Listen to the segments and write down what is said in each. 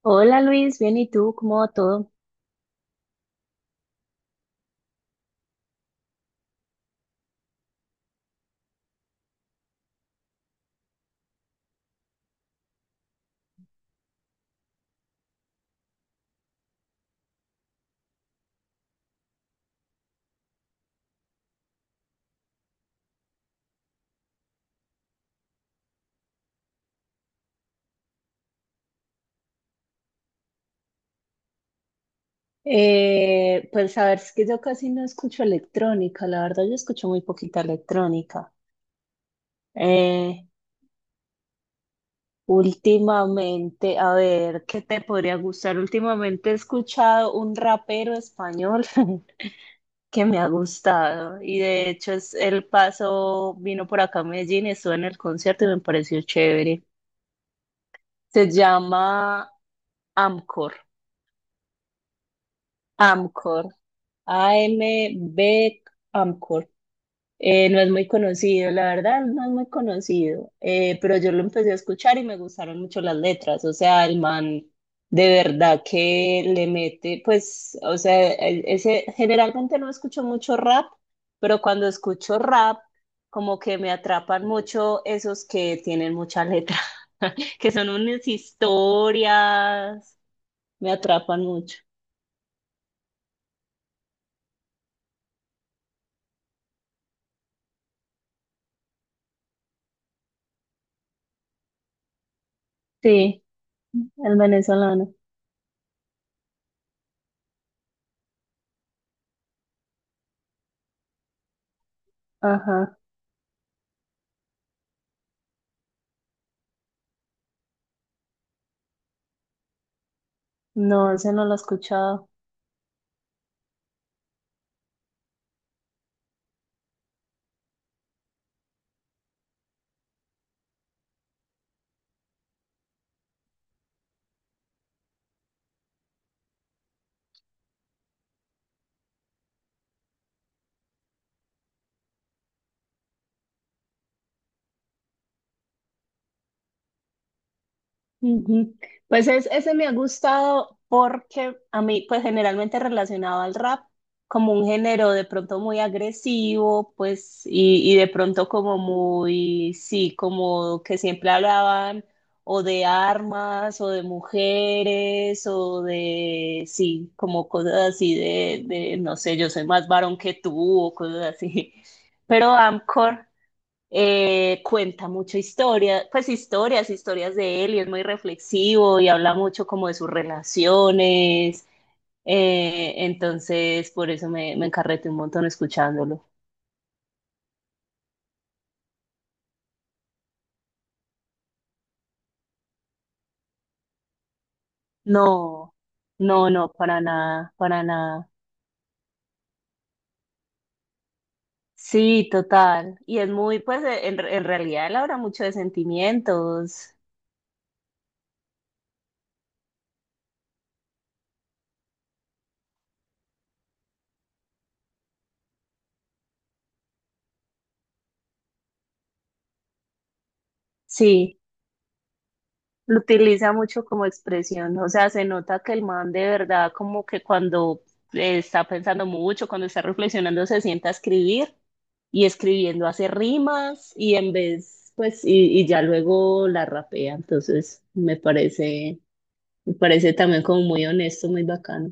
Hola Luis, bien, ¿y tú? ¿Cómo va todo? Pues a ver, es que yo casi no escucho electrónica, la verdad yo escucho muy poquita electrónica. Eh, últimamente, a ver, ¿qué te podría gustar? Últimamente he escuchado un rapero español que me ha gustado y de hecho es el paso, vino por acá a Medellín, estuve en el concierto y me pareció chévere. Se llama Amcor, Amcor, A-M-B Amcor. No es muy conocido, la verdad, no es muy conocido, pero yo lo empecé a escuchar y me gustaron mucho las letras, o sea, el man de verdad que le mete, pues, o sea, generalmente no escucho mucho rap, pero cuando escucho rap, como que me atrapan mucho esos que tienen mucha letra, que son unas historias, me atrapan mucho. Sí, el venezolano, ajá, no, ese no lo he escuchado. Ujú. Pues ese me ha gustado porque a mí, pues generalmente relacionado al rap, como un género de pronto muy agresivo, pues, y de pronto como muy, sí, como que siempre hablaban o de armas o de mujeres o de, sí, como cosas así de, no sé, yo soy más varón que tú o cosas así. Pero Amcor cuenta mucha historia, pues historias, historias de él y es muy reflexivo y habla mucho como de sus relaciones. Entonces, por eso me encarreté un montón escuchándolo. No, no, no, para nada, para nada. Sí, total. Y es muy, pues, en realidad él habla mucho de sentimientos. Sí. Lo utiliza mucho como expresión, o sea, se nota que el man de verdad como que cuando está pensando mucho, cuando está reflexionando, se sienta a escribir y escribiendo hace rimas y en vez, pues, y ya luego la rapea, entonces me parece también como muy honesto, muy bacano.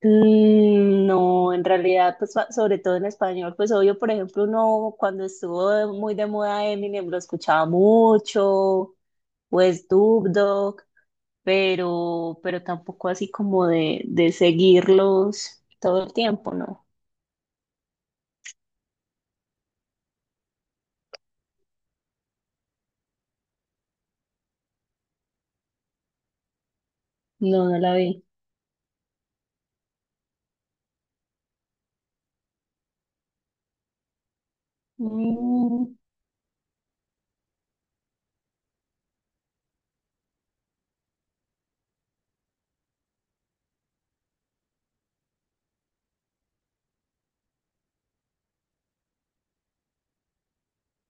Mm, no, en realidad, pues sobre todo en español, pues obvio, por ejemplo, uno cuando estuvo muy de moda Eminem lo escuchaba mucho, pues Dubdo pero tampoco así como de seguirlos todo el tiempo, no, no, no la vi. Mm,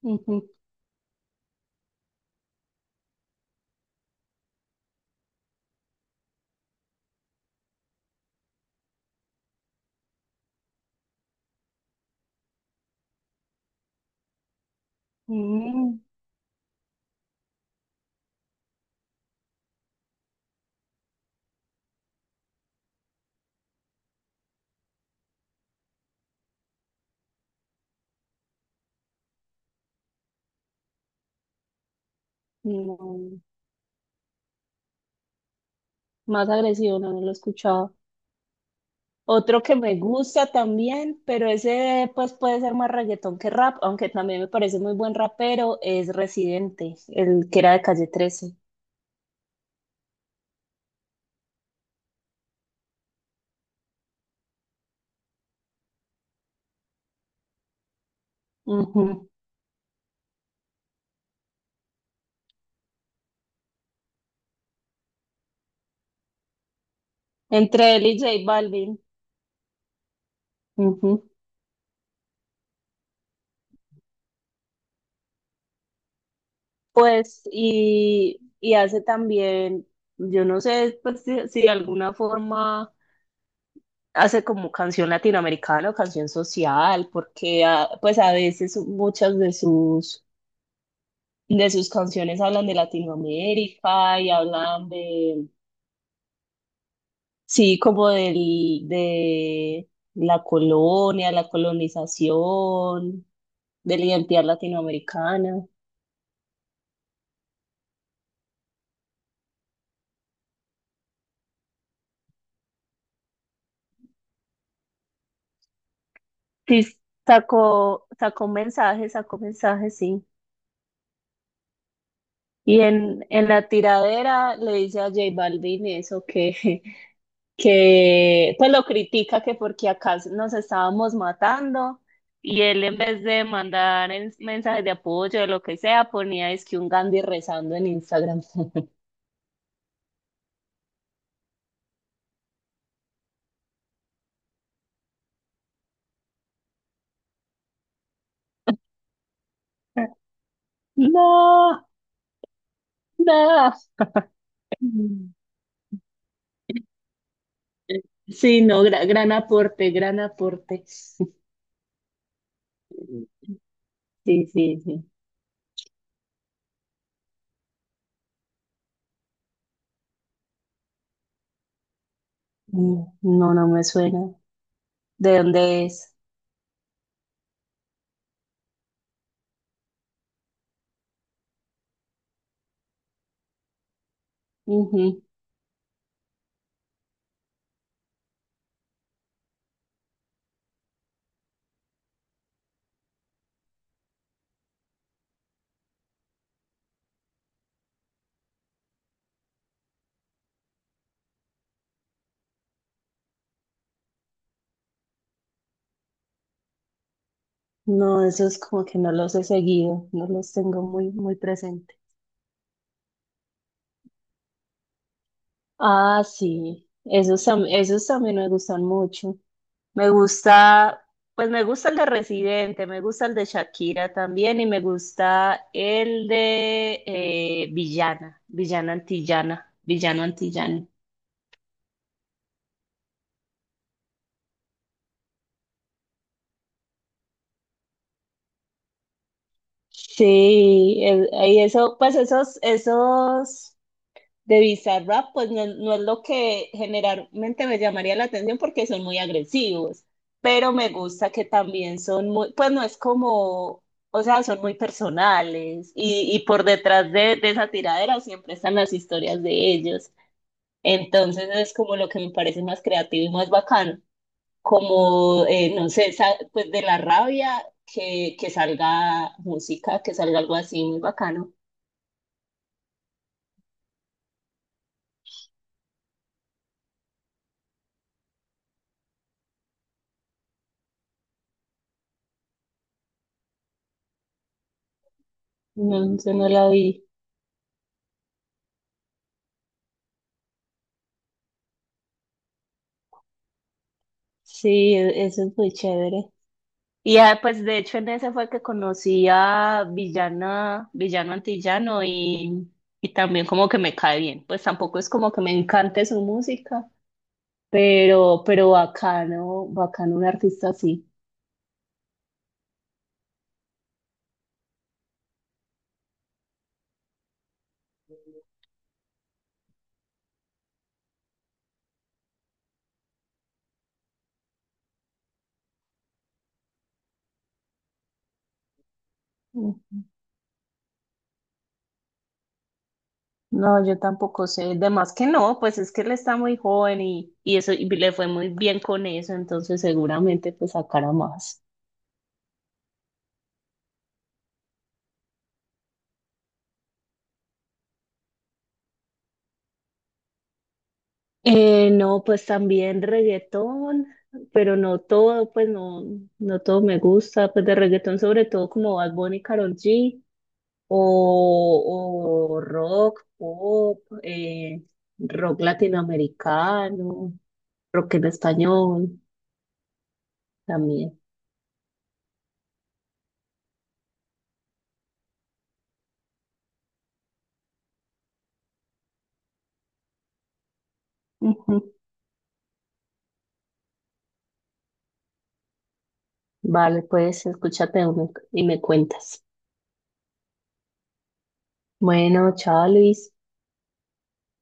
ujú, mm, no. Más agresivo, no, no lo he escuchado. Otro que me gusta también, pero ese pues puede ser más reggaetón que rap, aunque también me parece muy buen rapero, es Residente, el que era de Calle 13. Ujú. Entre él y J Balvin. Ujú. Pues, y hace también, yo no sé, pues si de alguna forma hace como canción latinoamericana o canción social, porque pues a veces muchas de sus canciones hablan de Latinoamérica y hablan de, sí, como del, de la colonia, la colonización, de la identidad latinoamericana. Sí, sacó mensajes, sacó mensajes, sí. Y en la tiradera le dice a J Balvin eso que, que pues lo critica que porque acá nos estábamos matando y él en vez de mandar mensajes de apoyo o lo que sea, ponía es que un Gandhi rezando en Instagram. No, no. Sí, no, gran aporte, gran aporte. Sí, sí, sí. Mm, no, no me suena. ¿De dónde es? No, esos como que no los he seguido, no los tengo muy, muy presente. Ah, sí, esos, esos también me gustan mucho. Me gusta, pues me gusta el de Residente, me gusta el de Shakira también y me gusta el de Villana, Villana Antillana, Villano Antillano. Sí, y eso, pues esos, esos. De Bizarrap, pues no, no es lo que generalmente me llamaría la atención porque son muy agresivos, pero me gusta que también son muy, pues no es como, o sea, son muy personales y por detrás de esa tiradera siempre están las historias de ellos. Entonces es como lo que me parece más creativo y más bacano, como, no sé, pues de la rabia que salga música, que salga algo así muy bacano. No, yo no la vi. Sí, eso es muy chévere. Y pues de hecho en ese fue que conocí a Villana, Villano Antillano y también como que me cae bien. Pues tampoco es como que me encante su música, pero bacano, bacano un artista así. Mm. No, yo tampoco sé. De más que no, pues es que él está muy joven y eso y le fue muy bien con eso, entonces seguramente pues sacará más. No, pues también reggaetón, pero no todo, pues no, no todo me gusta, pues de reggaetón sobre todo como Bad Bunny y Karol G, o, o rock, pop, rock latinoamericano, rock en español también. Ujú. Vale, pues escúchate uno y me cuentas. Bueno, chao Luis.